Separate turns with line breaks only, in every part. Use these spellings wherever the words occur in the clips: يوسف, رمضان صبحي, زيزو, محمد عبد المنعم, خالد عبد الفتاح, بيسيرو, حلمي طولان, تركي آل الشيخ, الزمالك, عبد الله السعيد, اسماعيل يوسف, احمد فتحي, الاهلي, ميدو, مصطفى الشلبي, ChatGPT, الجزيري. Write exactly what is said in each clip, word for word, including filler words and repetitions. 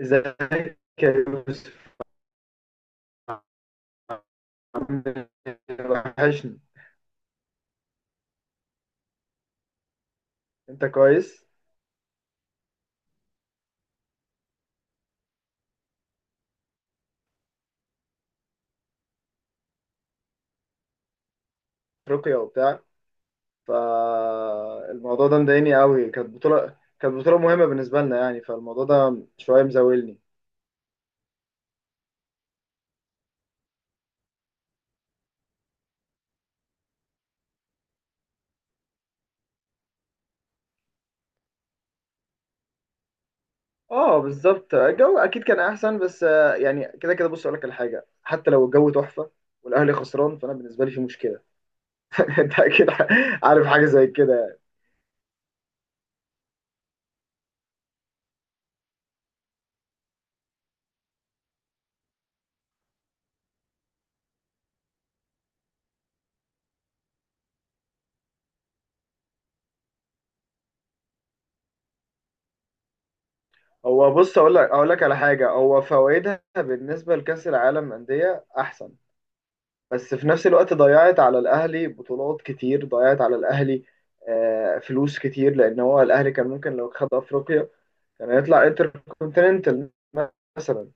ازيك يا يوسف عامل إيه؟ وحشني. انت كويس؟ افريقيا وبتاع. فالموضوع ده مضايقني قوي، كانت بطولة كانت بطولة مهمة بالنسبة لنا يعني، فالموضوع ده شوية مزاولني. اه بالظبط، الجو اكيد كان احسن، بس آه، يعني كده كده. بص اقول لك على حاجة، حتى لو الجو تحفة والاهلي خسران فانا بالنسبة لي في مشكلة. انت اكيد عارف حاجة زي كده يعني. هو بص، اقول لك اقول لك على حاجة، هو فوائدها بالنسبة لكأس العالم أندية احسن. بس في نفس الوقت ضيعت على الاهلي بطولات كتير، ضيعت على الاهلي آه، فلوس كتير، لان هو الاهلي كان ممكن لو خد افريقيا كان يطلع انتر كونتيننتال مثلا.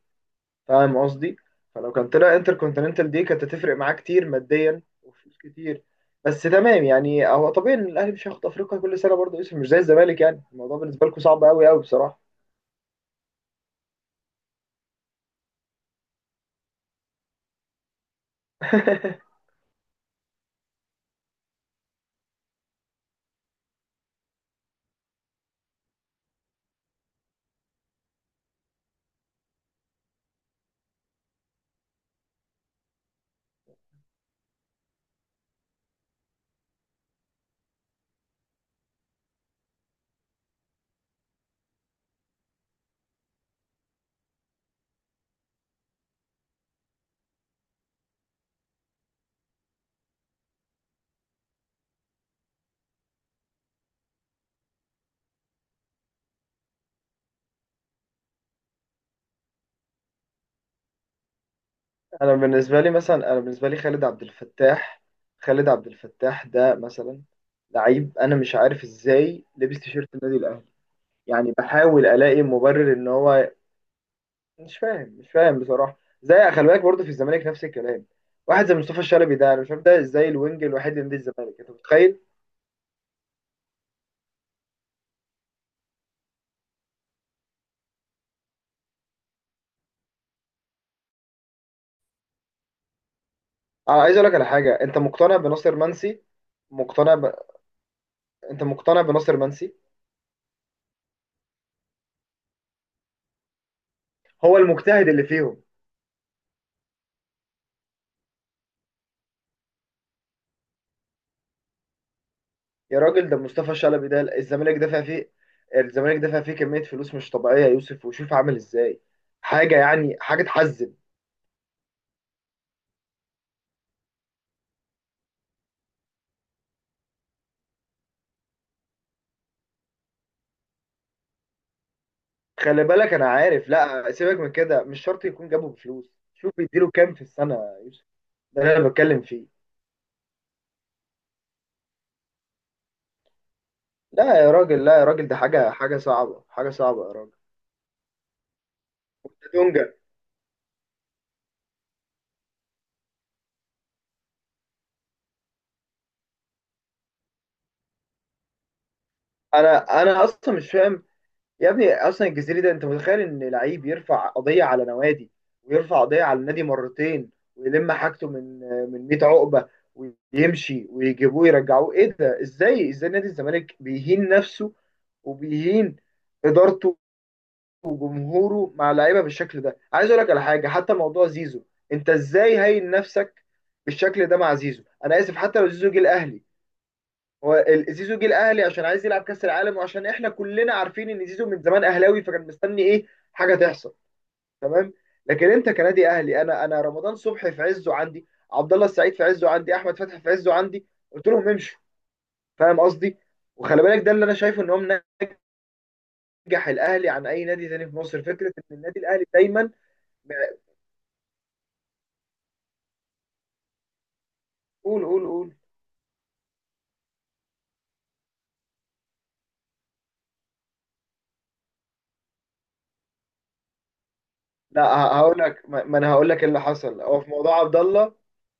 فاهم قصدي؟ فلو كان طلع انتر كونتيننتال دي كانت هتفرق معاه كتير ماديا وفلوس كتير. بس تمام، يعني هو طبيعي ان الاهلي مش هياخد افريقيا كل سنه، برضه يوسف مش زي الزمالك، يعني الموضوع بالنسبه لكم صعب قوي قوي بصراحه. انا بالنسبه لي مثلا انا بالنسبه لي خالد عبد الفتاح خالد عبد الفتاح ده مثلا، لعيب انا مش عارف ازاي لبس تيشيرت النادي الاهلي. يعني بحاول الاقي مبرر ان هو مش فاهم. مش فاهم بصراحه. زي خلي بالك، برضه في الزمالك نفس الكلام. واحد زي مصطفى الشلبي ده، انا مش فاهم ده ازاي الوينج الوحيد لنادي الزمالك؟ انت متخيل؟ انا عايز اقول لك على حاجه، انت مقتنع بناصر منسي؟ مقتنع ب... انت مقتنع بناصر منسي؟ هو المجتهد اللي فيهم. يا راجل ده مصطفى شلبي، ده الزمالك دافع فيه الزمالك دافع فيه كمية فلوس مش طبيعية يا يوسف، وشوف عامل ازاي. حاجة، يعني حاجة تحزن. خلي بالك انا عارف. لا سيبك من كده، مش شرط يكون جابه بفلوس. شوف بيديله كام في السنة يا يوسف. ده اللي انا بتكلم فيه. لا يا راجل، لا يا راجل، ده حاجة حاجة صعبة حاجة صعبة يا راجل. ده دونجا. انا انا اصلا مش فاهم. يا ابني، اصلا الجزيري ده، انت متخيل ان لعيب يرفع قضيه على نوادي، ويرفع قضيه على النادي مرتين، ويلم حاجته من من مية عقبه، ويمشي ويجيبوه يرجعوه؟ ايه ده؟ ازاي ازاي نادي الزمالك بيهين نفسه وبيهين ادارته وجمهوره مع اللعيبه بالشكل ده؟ عايز اقول لك على حاجه، حتى موضوع زيزو. انت ازاي هين نفسك بالشكل ده مع زيزو؟ انا اسف حتى لو زيزو جه الاهلي. هو ال- زيزو جه الاهلي عشان عايز يلعب كاس العالم، وعشان احنا كلنا عارفين ان زيزو من زمان اهلاوي، فكان مستني ايه؟ حاجه تحصل. تمام. لكن انت كنادي اهلي، انا انا رمضان صبحي في عزه عندي. عبد الله السعيد في عزه عندي، احمد فتحي في عزه عندي، قلت لهم امشوا. فاهم قصدي؟ وخلي بالك ده اللي انا شايفه، ان هو منجح الاهلي عن اي نادي تاني في مصر فكره ان النادي الاهلي دايما. قول، قول، قول. لا، ه- هقول لك، ما ما انا هقول لك اللي حصل. هو في موضوع عبد الله.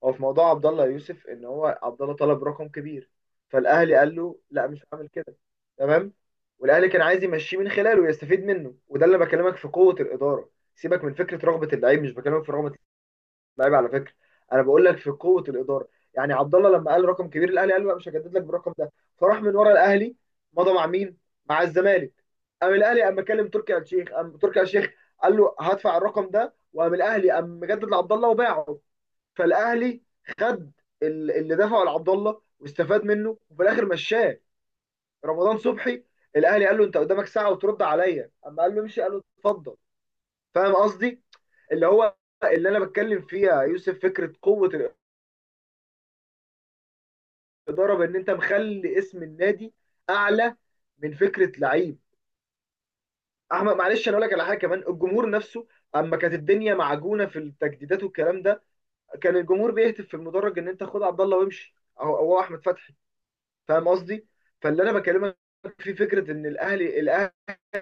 هو في موضوع عبد الله يوسف، ان هو عبد الله طلب رقم كبير، فالاهلي قال له لا مش هعمل كده. تمام. والاهلي كان عايز يمشيه من خلاله ويستفيد منه، وده اللي بكلمك في قوة الإدارة. سيبك من فكرة رغبة اللعيب، مش بكلمك في رغبة لعيب على فكره. انا بقول لك في قوه الاداره. يعني عبد الله لما قال رقم كبير، الاهلي قال لا مش هجدد لك بالرقم ده. فراح من ورا الاهلي، مضى مع مين؟ مع الزمالك. قام الاهلي قام كلم تركي آل الشيخ، قام تركي آل الشيخ قال له هدفع الرقم ده، وقام الاهلي قام مجدد لعبد الله وباعه. فالاهلي خد ال- اللي دفعه لعبد الله واستفاد منه، وفي الاخر مشاه. رمضان صبحي، الاهلي قال له انت قدامك ساعه وترد عليا، اما قال له امشي قال له اتفضل. فاهم قصدي؟ اللي هو، اللي انا بتكلم فيها يوسف، فكره قوه اداره، بان انت مخلي اسم النادي اعلى من فكره لعيب. احمد معلش، انا اقول لك على حاجه كمان، الجمهور نفسه. اما كانت الدنيا معجونه في التجديدات والكلام ده، كان الجمهور بيهتف في المدرج ان انت خد عبد الله وامشي، او هو احمد فتحي. فاهم قصدي؟ فاللي انا بكلمك في، فكره ان الاهلي الاهلي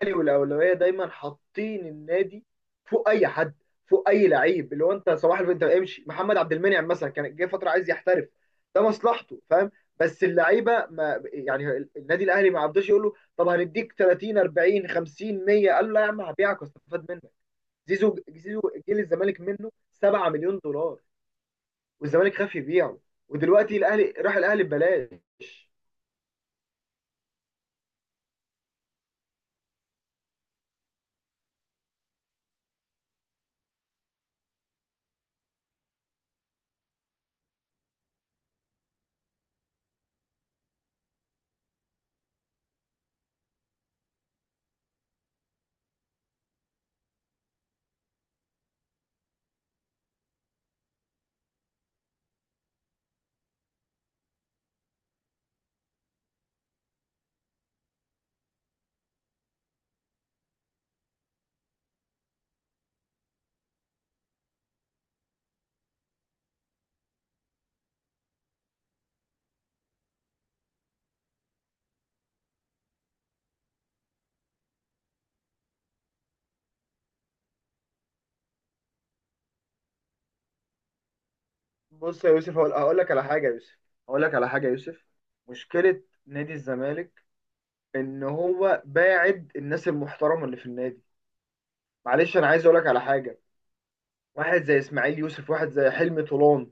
لي والاولويه دايما حاطين النادي فوق اي حد، فوق اي لعيب. اللي هو، انت صباح الفل انت امشي. محمد عبد المنعم مثلا كان جه فتره عايز يحترف، ده مصلحته. فاهم؟ بس اللعيبه، ما يعني النادي الاهلي ما عبدوش، يقول له طب هنديك تلاتين، اربعين، خمسين، مية؟ قال له لا يا عم هبيعك، واستفاد منك. زيزو زيزو جه للزمالك منه سبعة مليون دولار. والزمالك خاف يبيعه، ودلوقتي الاهلي راح الاهلي ببلاش. بص يا يوسف، هقول هقول لك على حاجه يا يوسف، هقول لك على حاجه يا يوسف. مشكله نادي الزمالك، ان هو باعد الناس المحترمه اللي في النادي. معلش انا عايز اقول لك على حاجه، واحد زي اسماعيل يوسف، واحد زي حلمي طولان،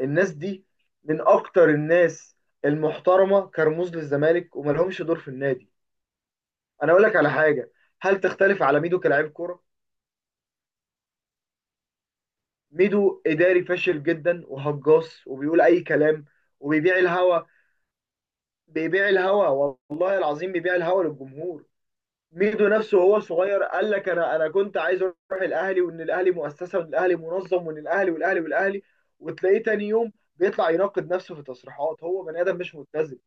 الناس دي من اكتر الناس المحترمه كرموز للزمالك، وما لهمش دور في النادي. انا اقول لك على حاجه، هل تختلف على ميدو كلاعب كوره؟ ميدو اداري فاشل جدا وهجاص وبيقول اي كلام. وبيبيع الهوا، بيبيع الهوا، والله العظيم بيبيع الهوا للجمهور. ميدو نفسه وهو صغير قال لك انا انا كنت عايز اروح الاهلي، وان الاهلي مؤسسه، وان الاهلي منظم، وان الاهلي والاهلي والاهلي. وتلاقيه تاني يوم بيطلع يناقض نفسه في تصريحات، هو بني ادم مش متزن.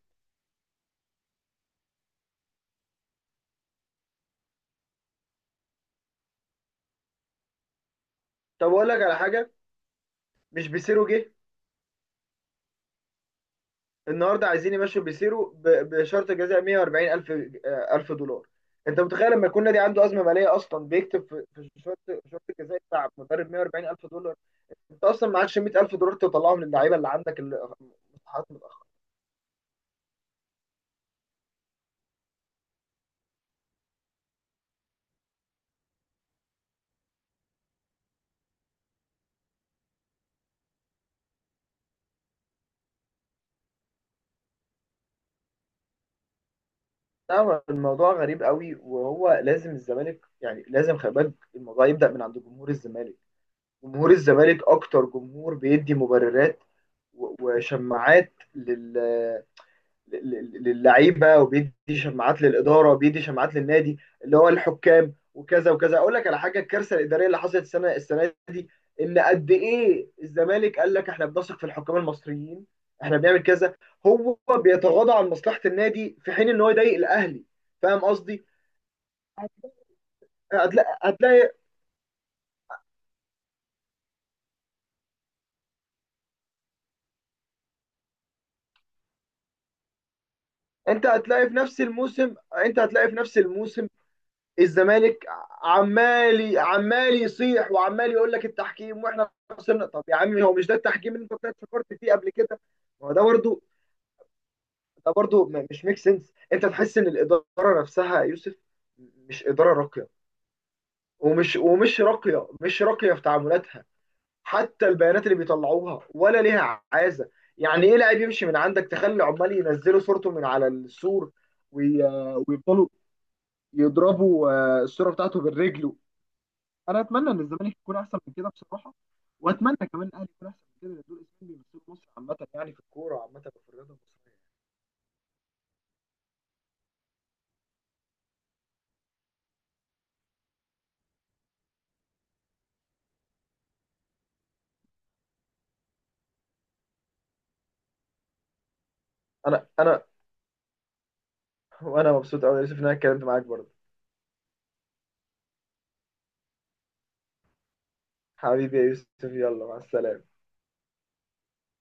طب اقول لك على حاجه، مش بيسيرو جه؟ النهارده عايزين يمشوا بيسيرو ب- بشرط جزاء مية واربعين الف آه، الف دولار. انت متخيل لما يكون نادي عنده ازمه ماليه اصلا بيكتب في في شرط شرط الجزاء بتاع مدرب مية واربعين الف دولار؟ انت اصلا معكش مية الف دولار تطلعهم للعيبه اللي عندك، اللي مستحقات. لا هو الموضوع غريب قوي، وهو لازم الزمالك يعني لازم، خلي بالك الموضوع يبدأ من عند جمهور الزمالك. جمهور الزمالك اكتر جمهور بيدي مبررات و- وشماعات لل للعيبه، وبيدي شماعات للاداره، وبيدي شماعات للنادي. اللي هو الحكام وكذا وكذا. اقول لك على حاجه، الكارثه الاداريه اللي حصلت السنه السنه دي. ان قد ايه الزمالك قال لك احنا بنثق في الحكام المصريين، احنا بنعمل كذا، هو بيتغاضى عن مصلحه النادي في حين ان هو يضايق الاهلي. فاهم قصدي؟ هتلاقي هتلاقي انت هتلاقي في نفس الموسم، انت هتلاقي في نفس الموسم. الزمالك عمال عمال يصيح وعمال يقول لك التحكيم واحنا خسرنا. طب يا عمي، هو مش ده التحكيم اللي انت طلعت فكرت فيه قبل كده؟ ما هو ده برضه. ده برضه م- مش ميك سنس. انت تحس ان الاداره نفسها يا يوسف مش اداره راقيه، ومش ومش راقيه، مش راقيه في تعاملاتها. حتى البيانات اللي بيطلعوها ولا ليها عازه. يعني ايه لاعب يمشي من عندك تخلي عمال ينزلوا صورته من على السور، وي- ويفضلوا يضربوا آه، الصوره بتاعته بالرجل. انا اتمنى ان الزمالك يكون احسن من كده بصراحه، واتمنى كمان الاهلي يكون احسن من كده، لان دول اسمين بيمثلوا مصر عامه يعني في الكوره عامه وفي الرياضه المصريه. انا انا وانا مبسوط قوي يا يوسف ان انا اتكلمت معاك برضه. حبيبي يا يوسف، يلا مع السلامة.